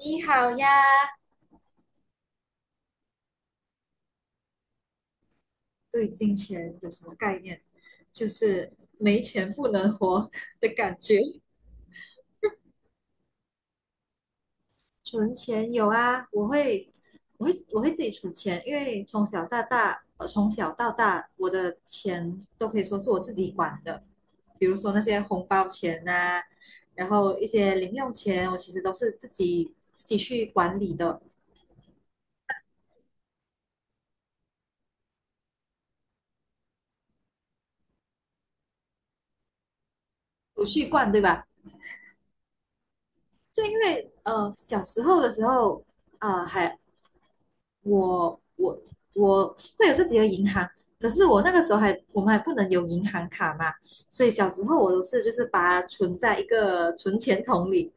你好呀，对金钱有什么概念？就是没钱不能活 的感觉。存钱有啊，我会自己储钱，因为从小到大，我的钱都可以说是我自己管的，比如说那些红包钱呐、然后一些零用钱，我其实都是自己去管理的，储蓄罐，对吧？就因为小时候的时候，呃还我我我会有自己的银行，可是我那个时候还我们还不能有银行卡嘛，所以小时候我都是就是把它存在一个存钱桶里、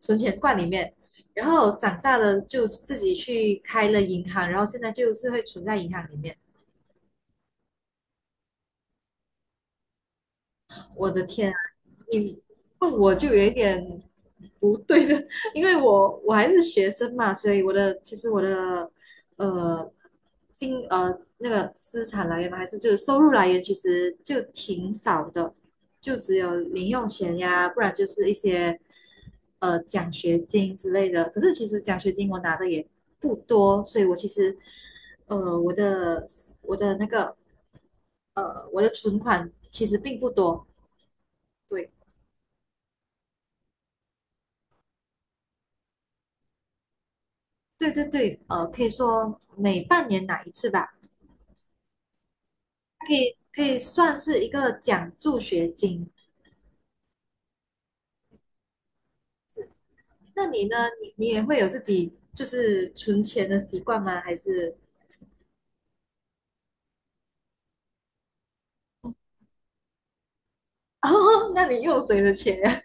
存钱罐里面，然后长大了就自己去开了银行，然后现在就是会存在银行里面。我的天啊，你问我就有一点不对了，因为我还是学生嘛，所以其实我的呃金呃那个资产来源嘛，还是就是收入来源其实就挺少的，就只有零用钱呀，不然就是一些奖学金之类的。可是其实奖学金我拿的也不多，所以我其实呃我的我的那个我的存款其实并不多，对。对对对，可以说每半年拿一次吧，可以算是一个奖助学金。那你呢？你也会有自己就是存钱的习惯吗？还是 哦，那你用谁的钱呀？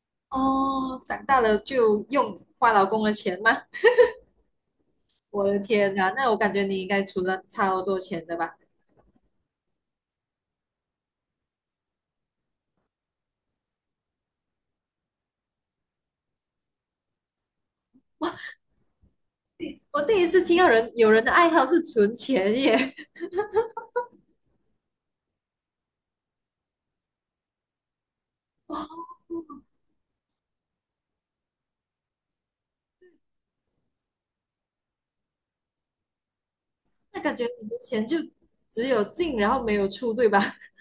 哦，长大了就用花老公的钱吗？我的天呐，那我感觉你应该存了超多钱的吧？我第一次听到有人的爱好是存钱耶，哇，那感觉你的钱就只有进然后没有出，对吧？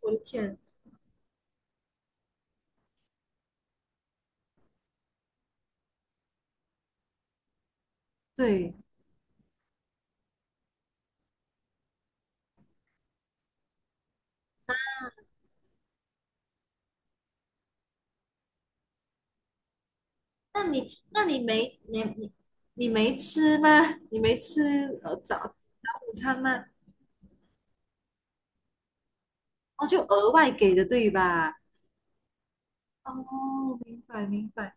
我的天，对。那你那你没你你你没吃吗？你没吃早午餐吗？哦，就额外给的对吧？哦，明白明白。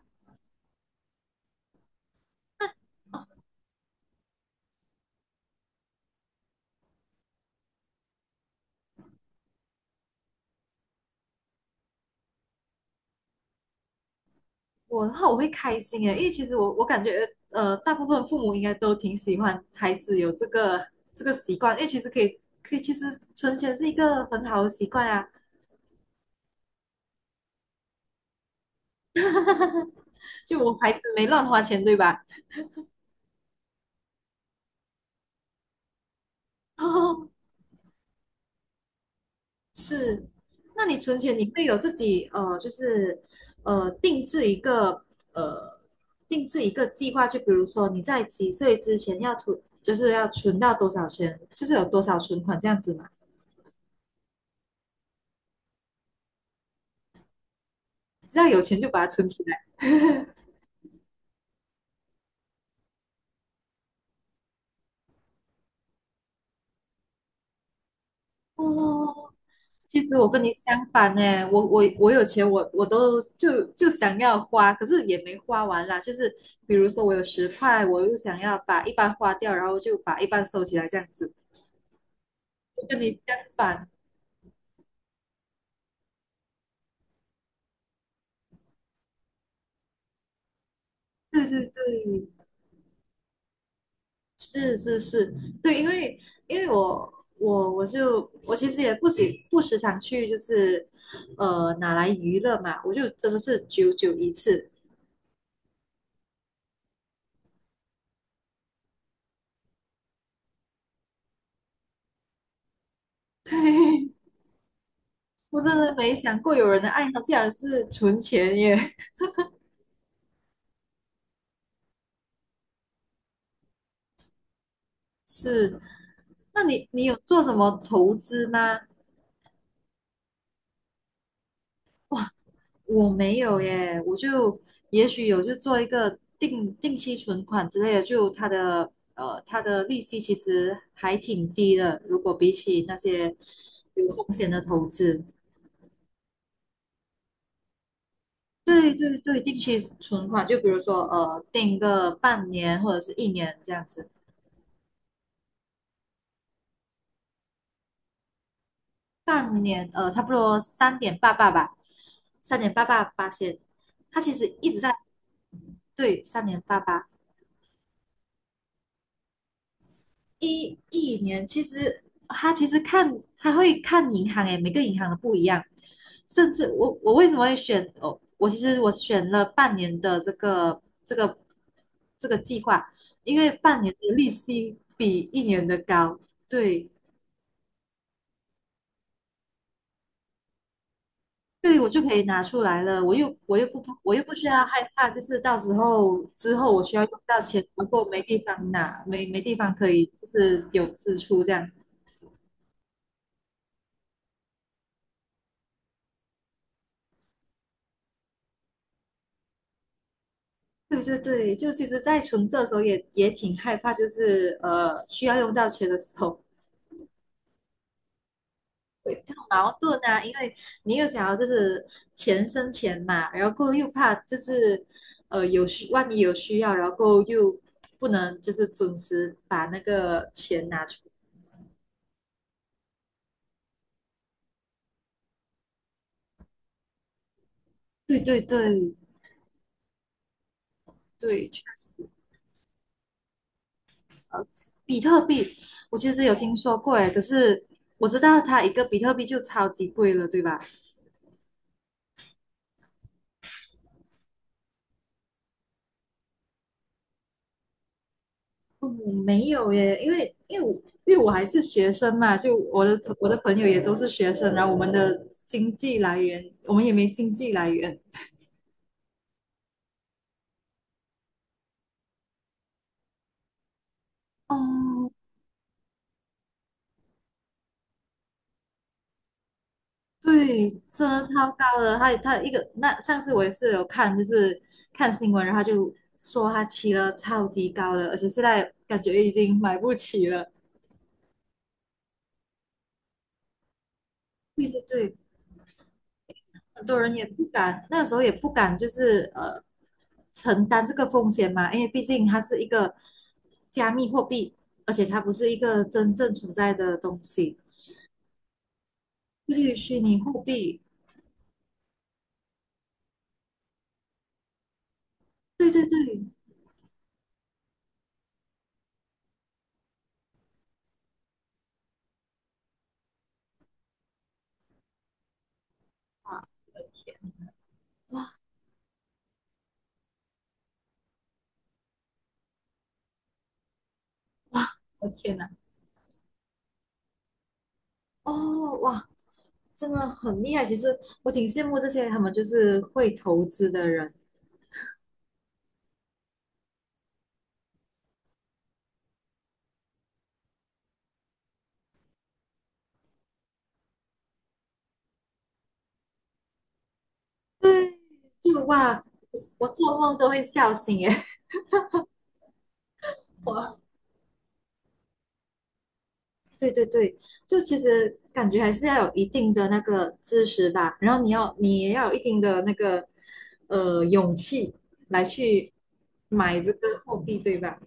我的话我会开心诶，因为其实我感觉大部分父母应该都挺喜欢孩子有这个习惯，因为其实可以可以，其实存钱是一个很好的习惯啊。就我孩子没乱花钱对吧？是，那你存钱你会有自己就是呃定制一个呃定制一个计划，就比如说你在几岁之前要存，就是要存到多少钱，就是有多少存款这样子嘛，只要有钱就把它存起来。哦，其实我跟你相反呢，我有钱我都就想要花，可是也没花完啦。就是比如说我有10块，我又想要把一半花掉，然后就把一半收起来这样子，我跟你相反。对对对，是是是，对，因为我其实也不时常去，就是拿来娱乐嘛，我就真的是久久一次。对，我真的没想过有人的爱好竟然是存钱耶。是，那你有做什么投资吗？我没有耶，我就也许有就做一个定期存款之类的，就它的利息其实还挺低的，如果比起那些有风险的投资，对对对，定期存款就比如说定个半年或者是一年这样子，半年差不多三点八八吧，三点八八八千，它其实一直在。对，三点八八。一年其实他其实看他会看银行诶，每个银行的不一样。甚至我为什么会选哦？我其实我选了半年的这个计划，因为半年的利息比一年的高，对对，我就可以拿出来了。我又不需要害怕，就是到时候之后我需要用到钱，如果没地方拿，没地方可以，就是有支出这样。对对对，就其实，在存这的时候也挺害怕，就是需要用到钱的时候会比较矛盾啊，因为你又想要就是钱生钱嘛，然后过后又怕就是万一有需要，然后过后又不能就是准时把那个钱拿出。对对对对，确实，呃，比特币我其实有听说过诶，可是我知道它一个比特币就超级贵了，对吧？哦，没有耶，因为我还是学生嘛，就我的朋友也都是学生，然后我们的经济来源，我们也没经济来源。哦，对，真的超高的。他一个那上次我也是有看，就是看新闻，然后他就说他骑了超级高的，而且现在感觉已经买不起了。对对对，很多人也不敢，那个时候也不敢，就是承担这个风险嘛，因为毕竟它是一个加密货币，而且它不是一个真正存在的东西。对于虚拟货币，对对对，哇，我的天哪，哦，哇，真的很厉害。其实我挺羡慕这些他们就是会投资的人，对，就哇，我做梦都会笑醒耶。对对对，就其实感觉还是要有一定的那个知识吧，然后你也要有一定的那个勇气来去买这个货币，对吧？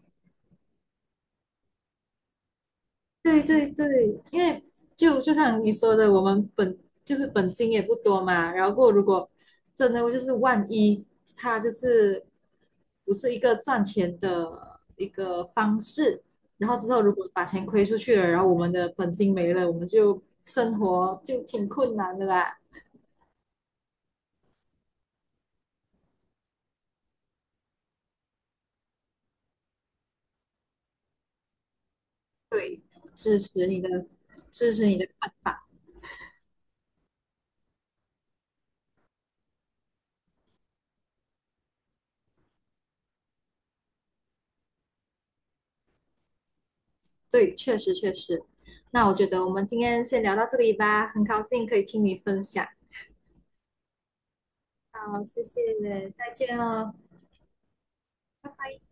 对对对，因为就像你说的，我们就是本金也不多嘛，然后过后如果真的就是万一它就是不是一个赚钱的一个方式，然后之后如果把钱亏出去了，然后我们的本金没了，我们就生活就挺困难的啦。对，支持你的，支持你的看法。对，确实确实。那我觉得我们今天先聊到这里吧，很高兴可以听你分享。好，谢谢，再见哦，拜拜。